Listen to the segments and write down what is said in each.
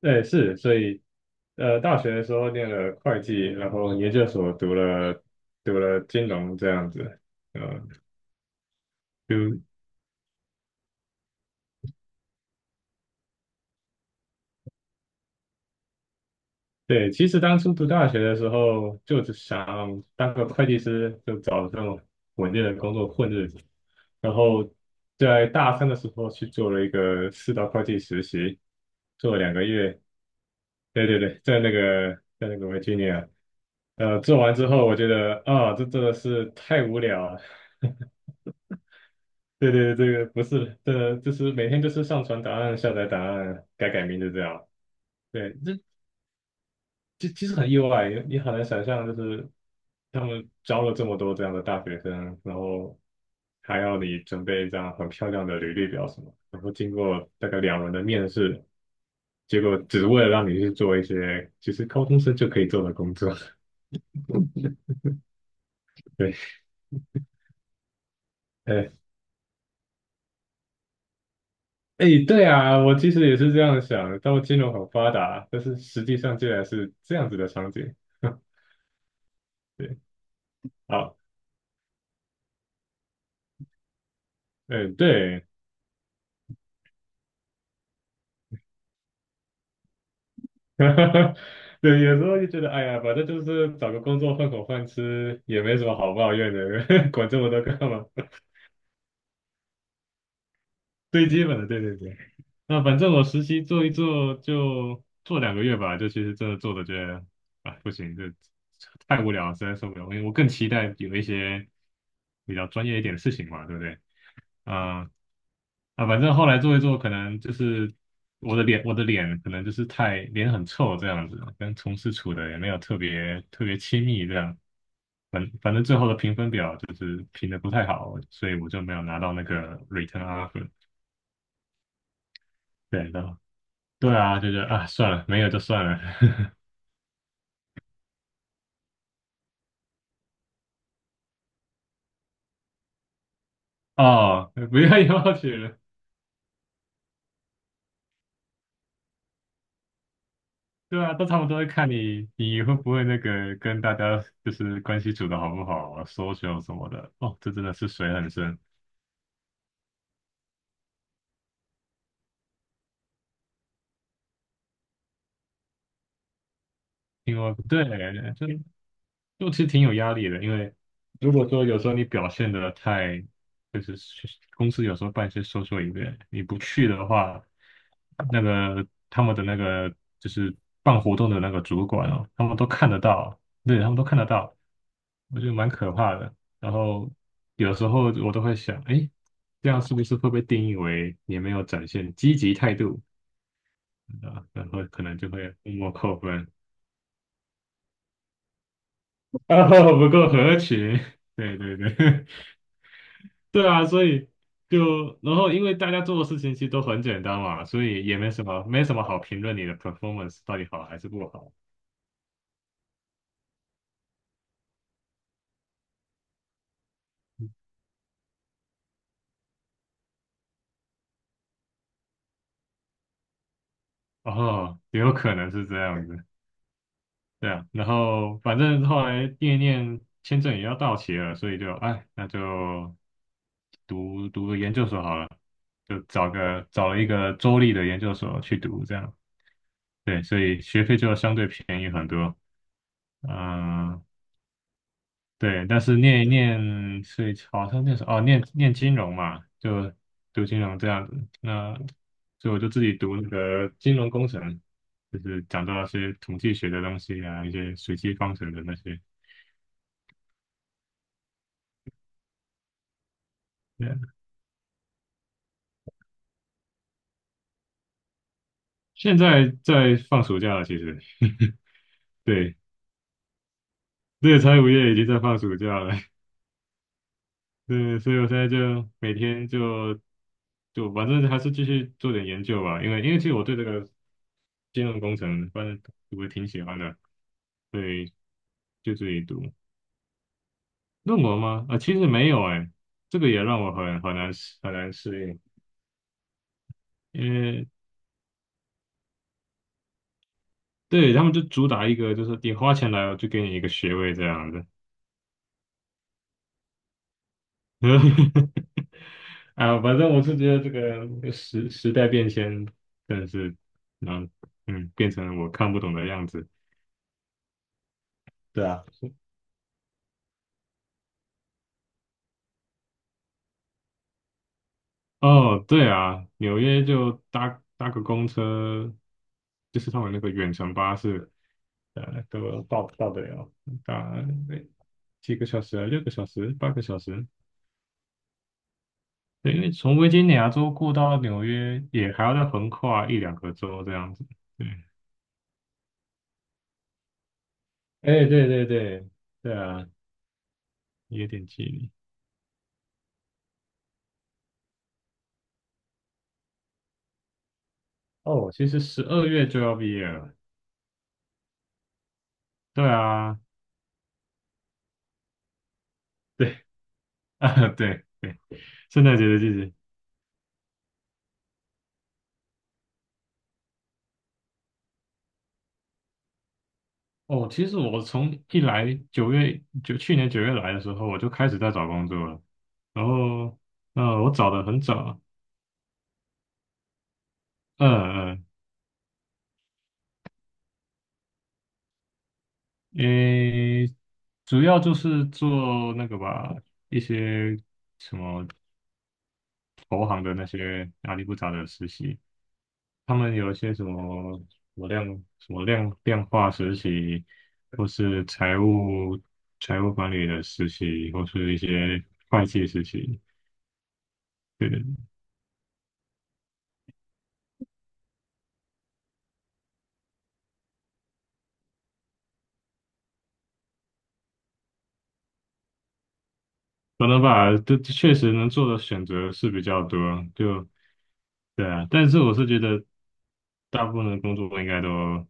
对，是，所以，大学的时候念了会计，然后研究所读了金融这样子，呃，就对，其实当初读大学的时候，就是想当个会计师，就找这种稳定的工作混日子，然后在大三的时候去做了一个四大会计实习，做了两个月，对对对，在那个维吉尼亚，做完之后，我觉得啊，这真的是太无聊了。对对，对，这个不是的，这就是每天就是上传答案、下载答案、改名就这样。对，这其实很意外，你很难想象，就是他们招了这么多这样的大学生，然后还要你准备一张很漂亮的履历表什么，然后经过大概两轮的面试，结果只是为了让你去做一些其实高中生就可以做的工作。对，哎哎，对啊，我其实也是这样想，他们金融很发达，但是实际上竟然是这样子的场景。对，好，嗯，对，对，有时候就觉得，哎呀，反正就是找个工作混口饭吃，也没什么好抱怨的，管这么多干嘛？最基本的，对对对。那反正我实习做一做就做两个月吧，就其实真的做的觉得啊不行，这太无聊了实在受不了。因为我更期待有一些比较专业一点的事情嘛，对不对？啊、反正后来做一做，可能就是我的脸，我的脸可能就是脸很臭这样子，跟同事处的也没有特别特别亲密这样。反正最后的评分表就是评的不太好，所以我就没有拿到那个 return offer。对然后对啊，就是啊，算了，没有就算了。哦，不要要求了。对啊，都差不多看你会不会那个跟大家就是关系处的好不好啊，social 什么的。哦，这真的是水很深。因为对，就就其实挺有压力的，因为如果说有时候你表现的太，就是公司有时候办事说说一遍，你不去的话，那个他们的那个就是办活动的那个主管哦，他们都看得到，对，他们都看得到，我觉得蛮可怕的。然后有时候我都会想，哎，这样是不是会被定义为你没有展现积极态度啊？然后可能就会默默扣分，啊，不够合群，对对对。对啊，所以然后因为大家做的事情其实都很简单嘛，所以也没什么好评论你的 performance 到底好还是不好。哦，也有可能是这样子，对啊。然后反正后来念一念签证也要到期了，所以就哎，那就读个研究所好了，就找了一个州立的研究所去读这样。对，所以学费就相对便宜很多。嗯、对，但是念一念是好像念什哦，念金融嘛，就读金融这样子。那所以我就自己读那个金融工程，就是讲到一些统计学的东西啊，一些随机方程的那些。对啊，现在在放暑假了，其实对，这个财务业已经在放暑假了。对，所以我现在就每天就反正还是继续做点研究吧，因为其实我对这个金融工程反正我挺喜欢的，所以就自己读论文吗？其实没有哎、这个也让我很难适应，因为对他们就主打一个就是你花钱来，我就给你一个学位这样，嗯 啊，反正我是觉得这个时代变迁真的是，嗯变成了我看不懂的样子。对啊，哦，对啊，纽约就搭个公车，就是他们那个远程巴士，都到得了，搭诶几个小时啊，六个小时，八个小时。对，因为从维吉尼亚州过到纽约，也还要再横跨一两个州这样子。对，哎，对对对，对啊，有点距离。哦，其实十二月就要毕业了。对啊，对 啊，对对，圣诞节的季节。哦，其实我从一来九月九去年九月来的时候，我就开始在找工作了。然后，我找的很早，嗯嗯，诶，主要就是做那个吧，一些什么投行的那些阿里不达的实习，他们有一些什么量化实习，或是财务管理的实习，或是一些会计实习。对，可能吧，这确实能做的选择是比较多，就对啊。但是我是觉得，大部分的工作应该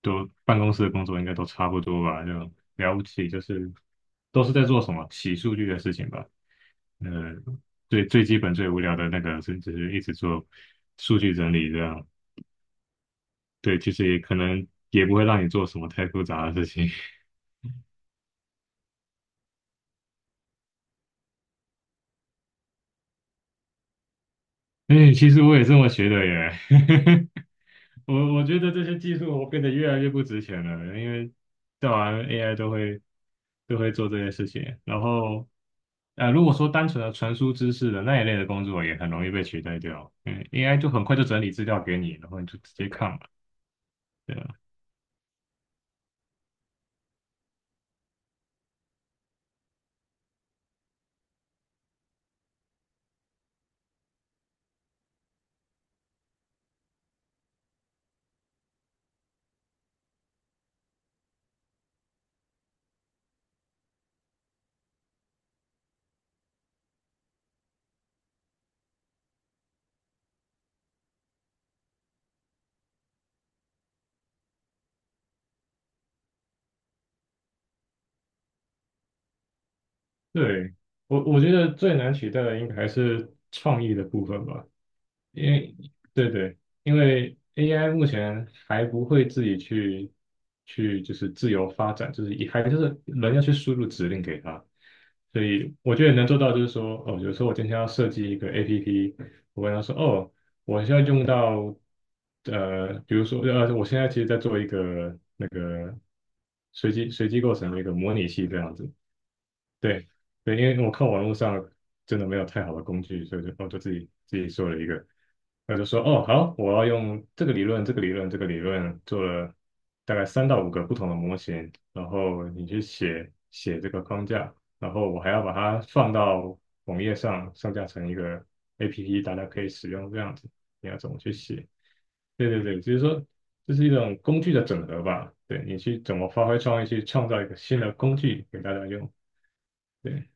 都办公室的工作应该都差不多吧，就了不起就是都是在做什么洗数据的事情吧。呃，最基本最无聊的那个是，甚至是一直做数据整理这样。对，其实也可能也不会让你做什么太复杂的事情。哎，其实我也这么学的耶。我觉得这些技术我变得越来越不值钱了，因为造完 AI 都会做这些事情。然后，如果说单纯的传输知识的那一类的工作，也很容易被取代掉。嗯，AI 就很快就整理资料给你，然后你就直接看了，对啊对，我觉得最难取代的应该还是创意的部分吧，因为对对，因为 AI 目前还不会自己去就是自由发展，就是以还就是人要去输入指令给它，所以我觉得能做到就是说，哦，比如说我今天要设计一个 APP，我跟他说，哦，我现在用到比如说我现在其实在做一个那个随机构成的一个模拟器这样子。对对，因为我看网络上真的没有太好的工具，所以我就自己做了一个，我就说哦好，我要用这个理论、这个理论、这个理论做了大概三到五个不同的模型，然后你去写写这个框架，然后我还要把它放到网页上架成一个 APP，大家可以使用这样子，你要怎么去写？对对对，就是说这是一种工具的整合吧，对你去怎么发挥创意，去创造一个新的工具给大家用。对。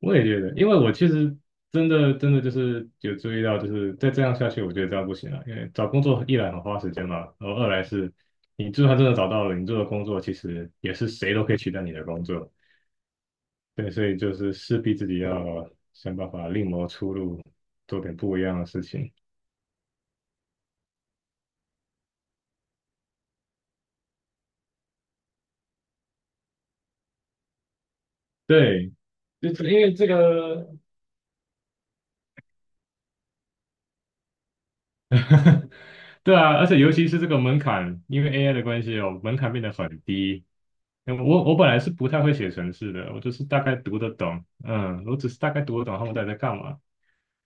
我也觉得，因为我其实真的真的就是有注意到，就是再这样下去，我觉得这样不行了。因为找工作一来很花时间嘛，然后二来是，你就算真的找到了，你做的工作其实也是谁都可以取代你的工作。对，所以就是势必自己要想办法另谋出路，做点不一样的事情。对，就是因为这个对啊，而且尤其是这个门槛，因为 AI 的关系哦，门槛变得很低。嗯我本来是不太会写程式的，我就是大概读得懂，我只是大概读得懂他们到底在干嘛。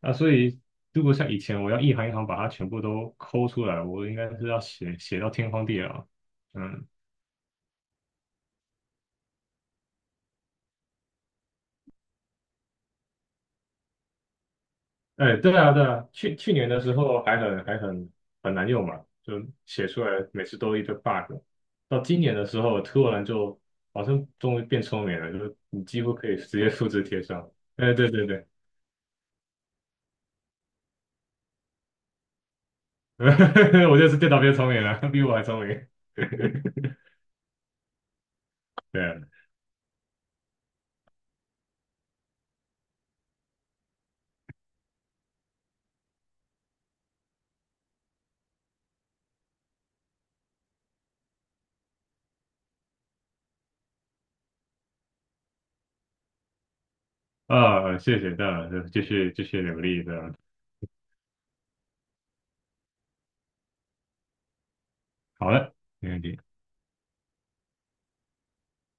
啊，所以如果像以前我要一行一行把它全部都抠出来，我应该是要写到天荒地老。嗯，哎，对啊，对啊，去年的时候还很还很很难用嘛，就写出来每次都一堆 bug。到今年的时候，突然就好像终于变聪明了，就是你几乎可以直接复制贴上。哎，对对对，我就是电脑变聪明了，比我还聪明。对啊，啊，谢谢，当然就是继续努力的。好了，没问题。